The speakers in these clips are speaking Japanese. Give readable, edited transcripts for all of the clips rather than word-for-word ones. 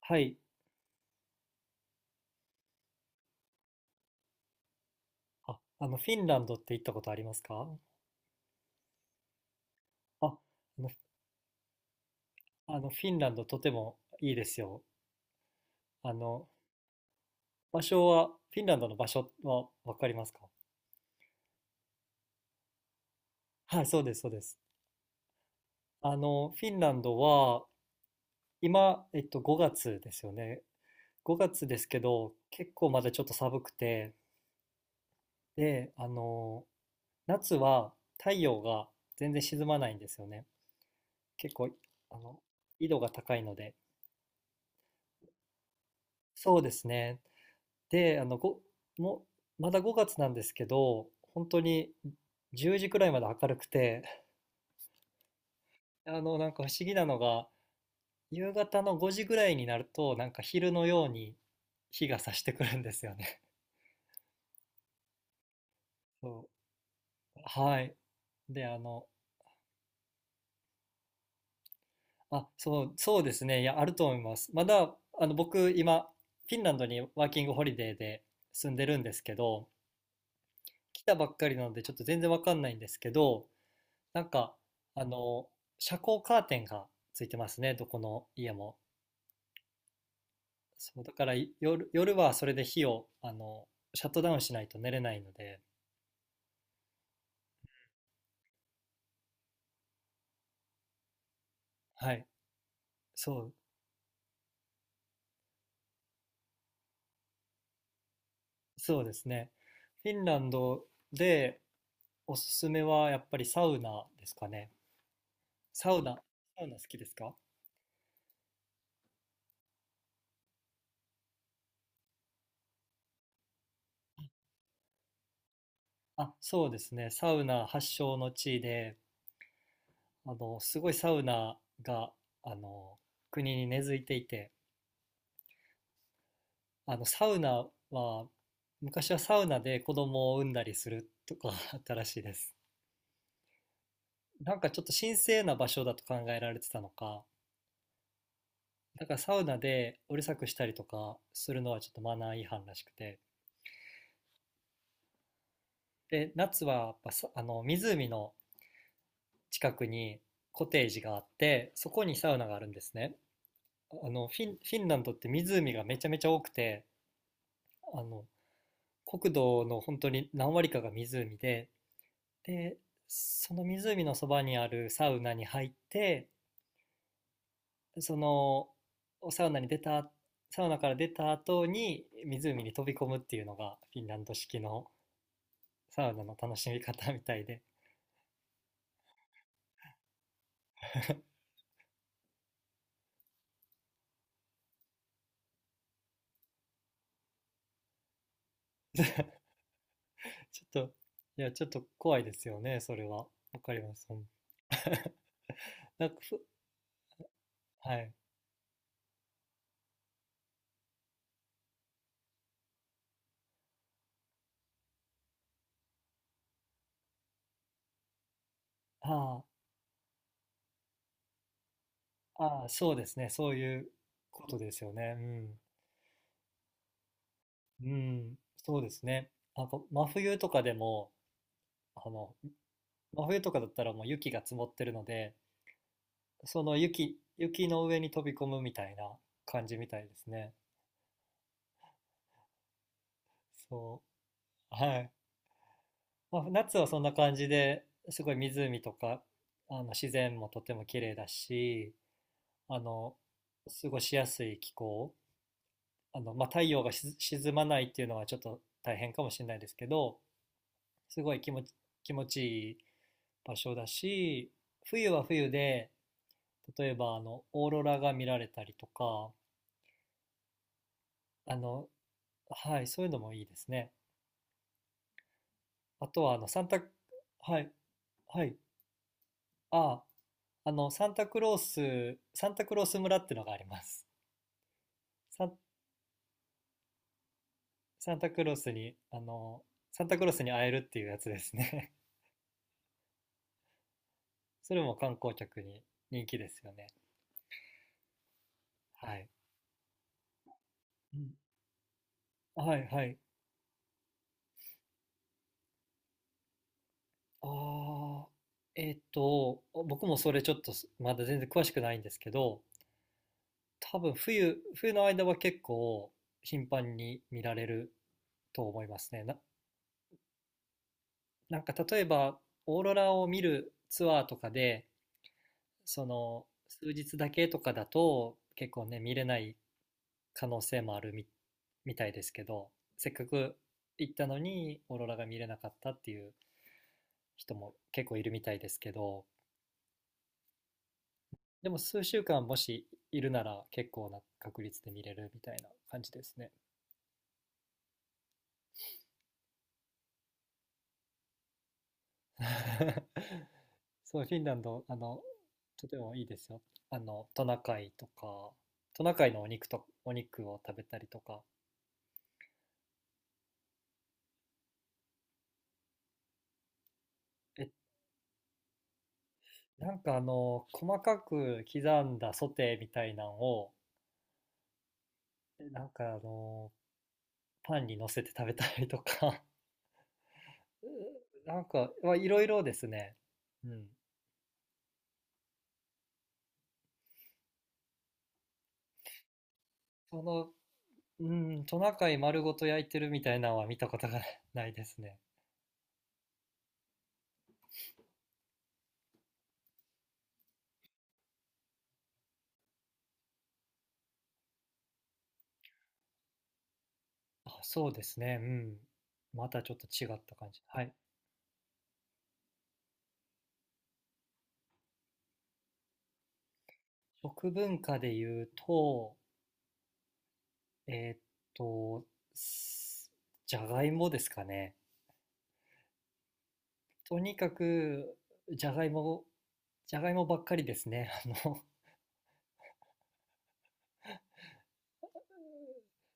はい。フィンランドって行ったことありますか？あ、あの、あのフィンランドとてもいいですよ。あの、場所は、フィンランドの場所はわかりますか？はい、そうです、そうです。フィンランドは、今、5月ですよね。5月ですけど、結構まだちょっと寒くて、で、あの、夏は太陽が全然沈まないんですよね。結構、あの、緯度が高いので。そうですね。で、あの、ご、もう、まだ5月なんですけど、本当に10時くらいまで明るくて、なんか不思議なのが、夕方の5時ぐらいになると、なんか昼のように日が差してくるんですよね。そう。はい。で、あの、あ、そう、そうですね。いや、あると思います。まだ、僕、今、フィンランドにワーキングホリデーで住んでるんですけど、来たばっかりなので、ちょっと全然わかんないんですけど、なんか、あの、遮光カーテンがついてますね、どこの家も。そう、だからい夜はそれで火を、シャットダウンしないと寝れないので、はい、そう、そうですね。フィンランドでおすすめはやっぱりサウナですかね。サウナ、サウナ好きですか？あ、そうですね。サウナ発祥の地で、すごいサウナが、あの、国に根付いていて、サウナは、昔はサウナで子供を産んだりするとか あったらしいです。なんかちょっと神聖な場所だと考えられてたのか、だからサウナでうるさくしたりとかするのはちょっとマナー違反らしくて。で、夏はやっぱさ湖の近くにコテージがあって、そこにサウナがあるんですね。フィンランドって湖がめちゃめちゃ多くて、あの、国土の本当に何割かが湖で、で、その湖のそばにあるサウナに入って、そのサウナに出た、サウナから出た後に湖に飛び込むっていうのがフィンランド式のサウナの楽しみ方みたいで、ちょっと、いや、ちょっと怖いですよね、それは。わかります。うん。なんかふ、はい。ああ、ああ、そうですね。そういうことですよね。うん。うん。そうですね。なんか、真冬とかでも、あの、真冬とかだったらもう雪が積もってるので、その雪の上に飛び込むみたいな感じみたいですね。そう。はい。まあ、夏はそんな感じで、すごい湖とか、あの自然もとても綺麗だし、あの、過ごしやすい気候。まあ、太陽がし沈まないっていうのはちょっと大変かもしれないですけど、すごい気持ち、気持ちいい場所だし、冬は冬で、例えばあの、オーロラが見られたりとか、あの、はい、そういうのもいいですね。あとは、あの、サンタ、はい、はい、ああ、サンタクロース村ってのがあります。サン、サンタクロースに、サンタクロースに会えるっていうやつですね。それも観光客に人気ですよね。はい。うん。はい、はい。ああ、僕もそれちょっとすまだ全然詳しくないんですけど、多分冬の間は結構頻繁に見られると思いますね。なんか例えばオーロラを見るツアーとかでその数日だけとかだと結構ね見れない可能性もあるみ、みたいですけどせっかく行ったのにオーロラが見れなかったっていう人も結構いるみたいですけどでも数週間もしいるなら結構な確率で見れるみたいな感じですね。そう、フィンランド、とてもいいですよ。トナカイとか、トナカイのお肉と、お肉を食べたりとか、え、なんか細かく刻んだソテーみたいなんを、えパンに乗せて食べたりとか、なんか、まあいろいろですね。うん。その、うん、トナカイ丸ごと焼いてるみたいなのは見たことが ないですね。あ、そうですね。うん。またちょっと違った感じ。はい。食文化で言うと、えーっと、すじゃがいもですかね。とにかく、じゃがいも、じゃがいもばっかりですね。あの、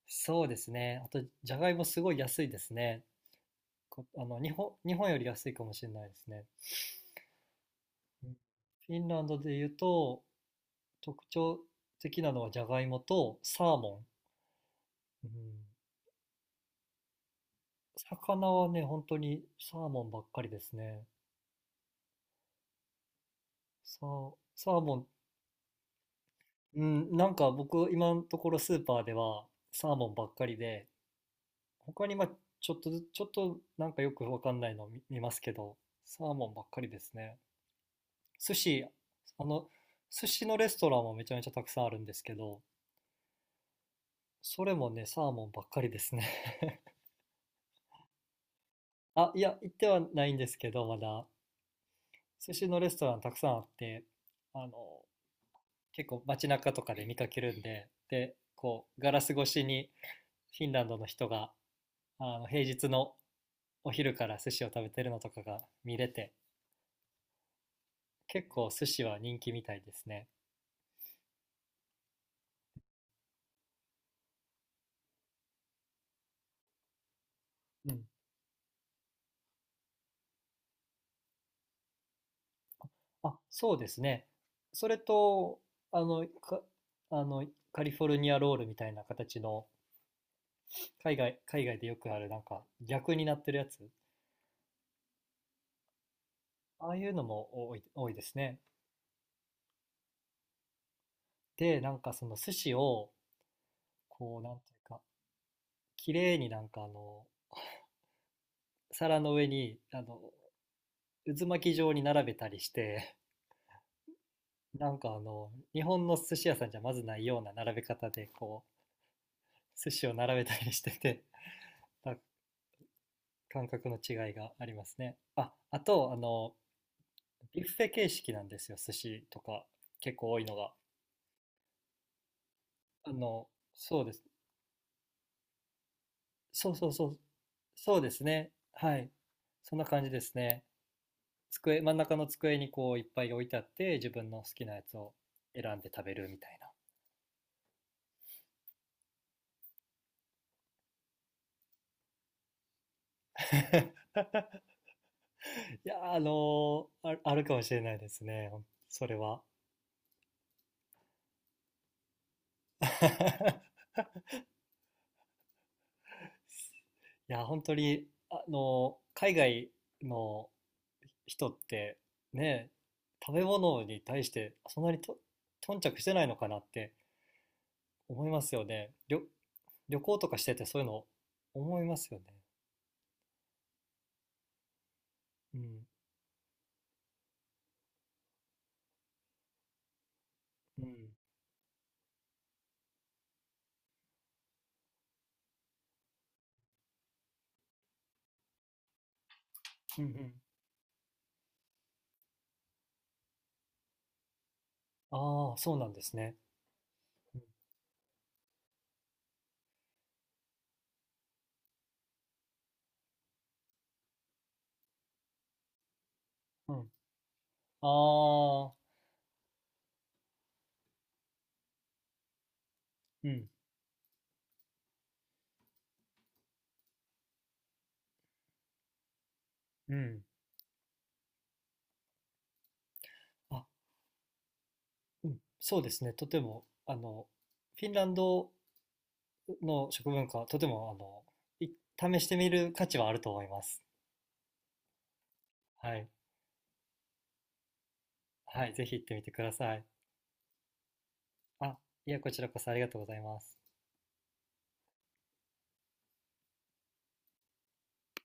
そうですね。あと、じゃがいもすごい安いですね。こ日本より安いかもしれないですね。うん。フィンランドで言うと、特徴的なのはじゃがいもとサーモン。うん、魚はね、本当にサーモンばっかりですね。サーモン。うん、なんか僕、今のところスーパーではサーモンばっかりで、他にまあちょっとず、ちょっとなんかよくわかんないの見ますけど、サーモンばっかりですね。寿司、あの、寿司のレストランもめちゃめちゃたくさんあるんですけど、それもね、サーモンばっかりですね。あ、いや、行ってはないんですけど、まだ、寿司のレストランたくさんあって、あの、結構街中とかで見かけるんで、で、こう、ガラス越しにフィンランドの人が、あの平日のお昼から寿司を食べてるのとかが見れて、結構寿司は人気みたいですね。うん。あ、そうですね。それと、あの、か、あの、カリフォルニアロールみたいな形の、海外でよくあるなんか逆になってるやつ、ああいうのも多いですね。で、なんかその寿司を、こう、なんていうか、綺麗になんか皿の上に、渦巻き状に並べたりして、なんか日本の寿司屋さんじゃまずないような並べ方で、こ寿司を並べたりしてて、感覚の違いがありますね。あ、あと、ビュッフェ形式なんですよ、寿司とか、結構多いのが。あの、そうです。そうそうそう、そうですね。はい。そんな感じですね。机、真ん中の机にこういっぱい置いてあって、自分の好きなやつを選んで食べるみたいな。いやー、あるかもしれないですね、ほんそれは。いや、本当に、海外の人ってね食べ物に対してそんなにと頓着してないのかなって思いますよね旅行とかしててそういうの思いますよね。うんうんうんうん。ああそうなんですね。うんうん。ああ。うんうん。あ。うん。そうですね。とてもフィンランドの食文化とてもあのい試してみる価値はあると思います。はい。はいぜひ行ってみてください。あいやこちらこそありがとうございます。